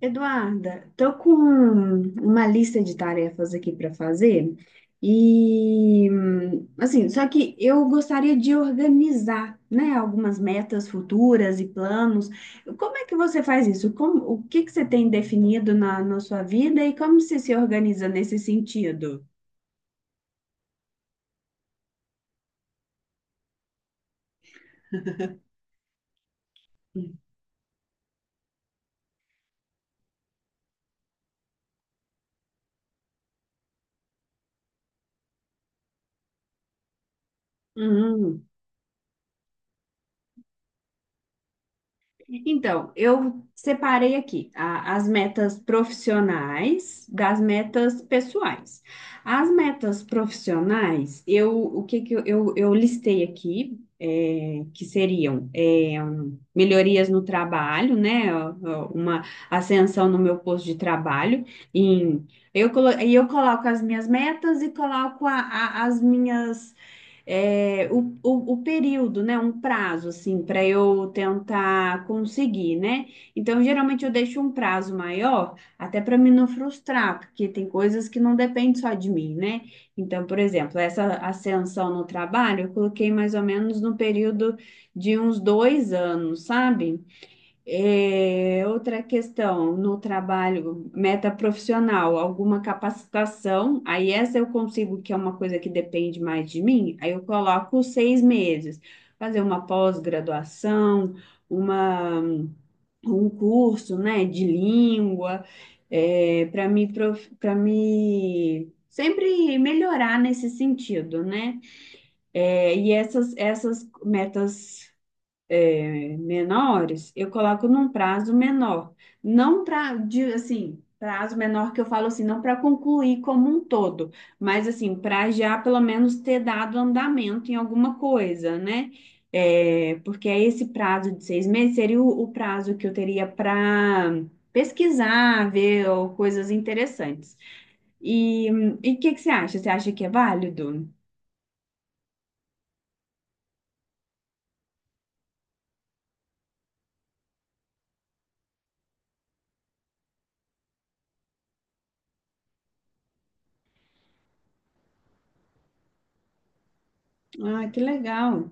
Eduarda, tô com uma lista de tarefas aqui para fazer e assim, só que eu gostaria de organizar, né, algumas metas futuras e planos. Como é que você faz isso? Como, o que que você tem definido na sua vida e como você se organiza nesse sentido? Hum. Então, eu separei aqui as metas profissionais das metas pessoais. As metas profissionais, eu, o que que eu listei aqui, é, que seriam é, um, melhorias no trabalho, né? Uma ascensão no meu posto de trabalho. Em, e eu coloco as minhas metas e coloco as minhas é, o período, né? Um prazo, assim, para eu tentar conseguir, né? Então, geralmente eu deixo um prazo maior, até para me não frustrar, porque tem coisas que não dependem só de mim, né? Então, por exemplo, essa ascensão no trabalho, eu coloquei mais ou menos no período de uns dois anos, sabe? É, outra questão no trabalho, meta profissional, alguma capacitação, aí essa eu consigo, que é uma coisa que depende mais de mim, aí eu coloco seis meses, fazer uma pós-graduação, uma, um curso, né, de língua, para me, para me sempre melhorar nesse sentido, né? É, e essas metas menores, eu coloco num prazo menor. Não para, assim, prazo menor que eu falo assim, não para concluir como um todo, mas assim, para já pelo menos ter dado andamento em alguma coisa, né? É, porque aí esse prazo de seis meses seria o prazo que eu teria para pesquisar, ver ou coisas interessantes. E e o que que você acha? Você acha que é válido? Ah, que legal.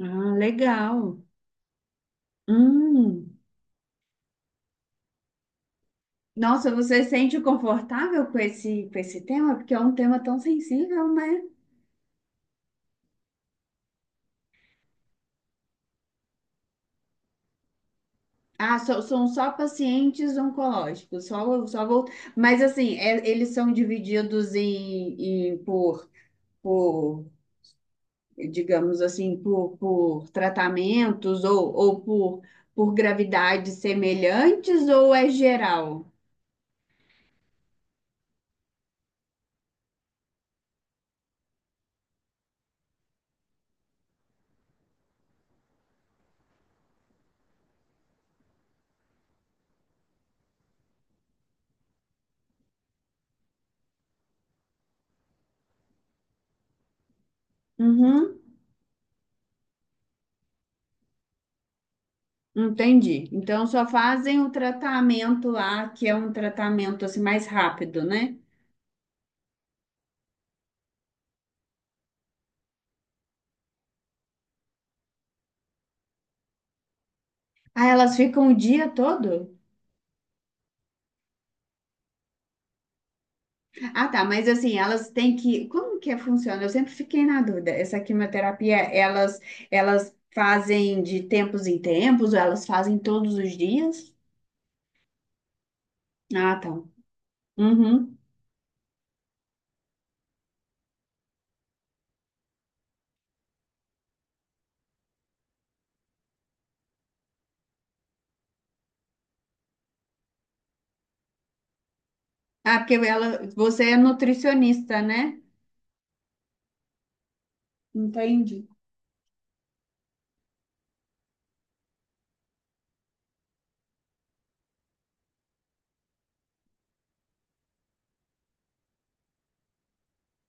Ah, legal. Hum. Nossa, você se sente confortável com esse tema? Porque é um tema tão sensível, né? Ah, são só pacientes oncológicos, só, só vou... Mas assim, eles são divididos em, por, digamos assim, por tratamentos ou por gravidades semelhantes ou é geral? Uhum, entendi. Então só fazem o tratamento lá, que é um tratamento assim mais rápido, né? Ah, elas ficam o dia todo? Ah, tá, mas assim, elas têm que. Como que funciona? Eu sempre fiquei na dúvida. Essa quimioterapia, elas fazem de tempos em tempos? Ou elas fazem todos os dias? Ah, tá. Uhum. Ah, porque ela, você é nutricionista, né? Entendi.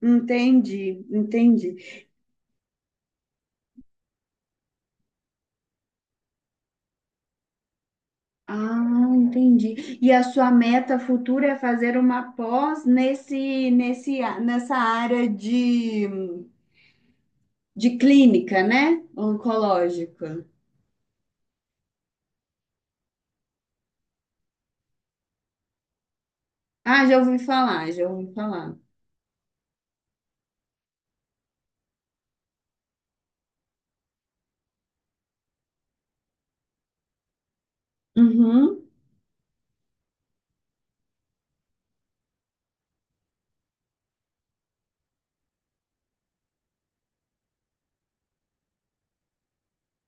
Entendi, entendi. Ah, entendi. E a sua meta futura é fazer uma pós nesse, nesse, nessa área de clínica, né? Oncológica. Ah, já ouvi falar, já ouvi falar. Uhum.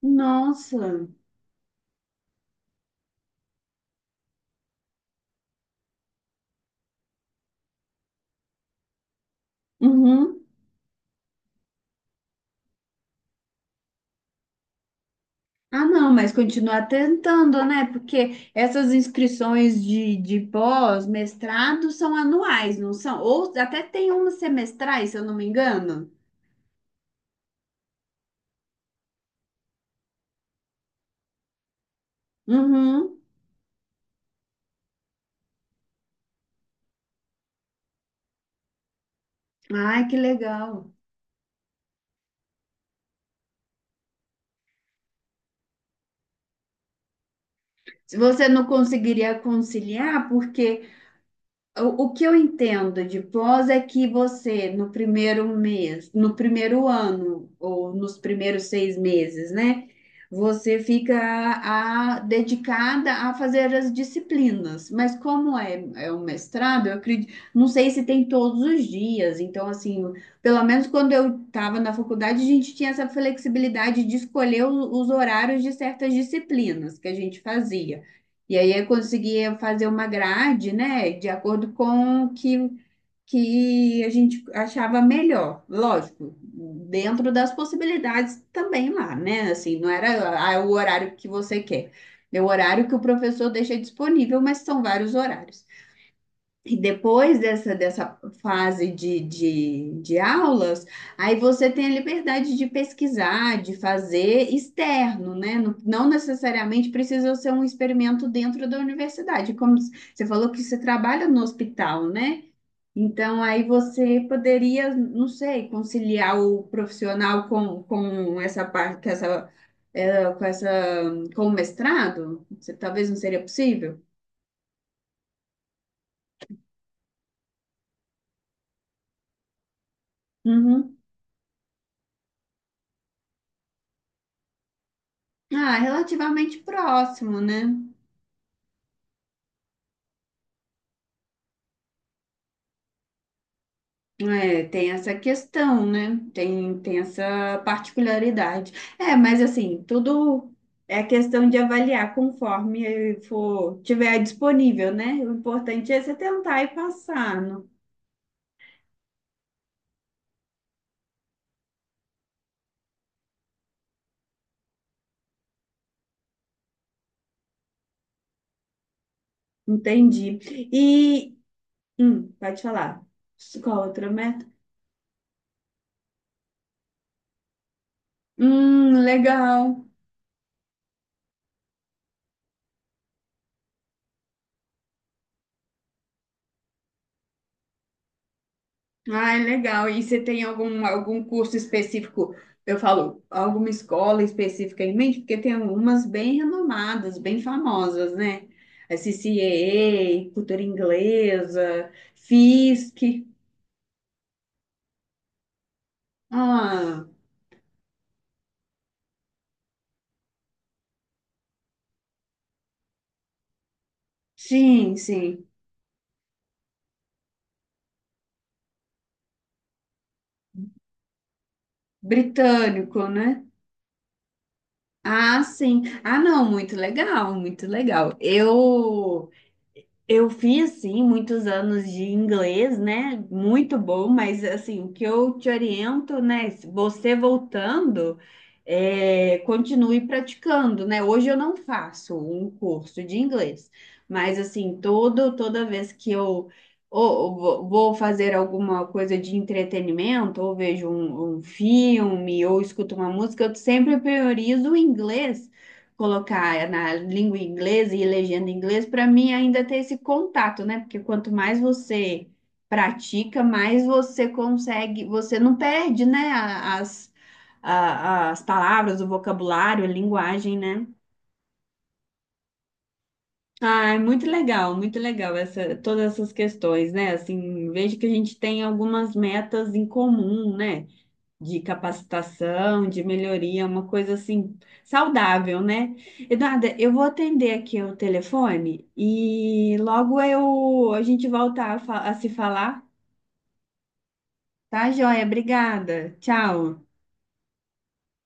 Nossa. Uhum. Ah, não, mas continuar tentando, né? Porque essas inscrições de pós-mestrado são anuais, não são? Ou até tem umas semestrais, se eu não me engano. Uhum. Ai, que legal. Se você não conseguiria conciliar, porque o que eu entendo de pós é que você, no primeiro mês, no primeiro ano, ou nos primeiros seis meses, né? Você fica dedicada a fazer as disciplinas. Mas como é, é um mestrado, eu acredito, não sei se tem todos os dias. Então, assim, pelo menos quando eu estava na faculdade, a gente tinha essa flexibilidade de escolher os horários de certas disciplinas que a gente fazia. E aí eu conseguia fazer uma grade, né, de acordo com o que, que a gente achava melhor. Lógico, dentro das possibilidades também lá, né? Assim, não era ah, é o horário que você quer, é o horário que o professor deixa disponível, mas são vários horários. E depois dessa, dessa fase de aulas, aí você tem a liberdade de pesquisar, de fazer externo, né? Não, não necessariamente precisa ser um experimento dentro da universidade. Como você falou que você trabalha no hospital, né? Então, aí você poderia, não sei, conciliar o profissional com essa parte, com essa, com essa, com o mestrado? Talvez não seria possível? Uhum. Ah, relativamente próximo, né? É, tem essa questão, né? Tem, tem essa particularidade. É, mas assim, tudo é questão de avaliar conforme for, tiver disponível, né? O importante é você tentar e passar, não? Entendi. E, pode falar. Qual outra meta? Legal. Ai, legal. E você tem algum, algum curso específico? Eu falo, alguma escola específica em mente? Porque tem algumas bem renomadas, bem famosas, né? A CCEE, Cultura Inglesa, FISC. Ah, sim, sim. Britânico, né? Ah, sim. Ah, não, muito legal, muito legal. Eu fiz, sim, muitos anos de inglês, né? Muito bom, mas assim, o que eu te oriento, né? Se você voltando, é, continue praticando, né? Hoje eu não faço um curso de inglês, mas assim, todo, toda vez que eu ou vou fazer alguma coisa de entretenimento, ou vejo um, um filme, ou escuto uma música, eu sempre priorizo o inglês colocar na língua inglesa e legenda em inglês, para mim ainda ter esse contato, né? Porque quanto mais você pratica, mais você consegue, você não perde, né? As, as palavras, o vocabulário, a linguagem, né? Ah, é muito legal essa, todas essas questões, né? Assim, vejo que a gente tem algumas metas em comum, né? De capacitação, de melhoria, uma coisa assim saudável, né? Eduarda, eu vou atender aqui o telefone e logo eu a gente volta a, a se falar, tá, joia? Obrigada. Tchau.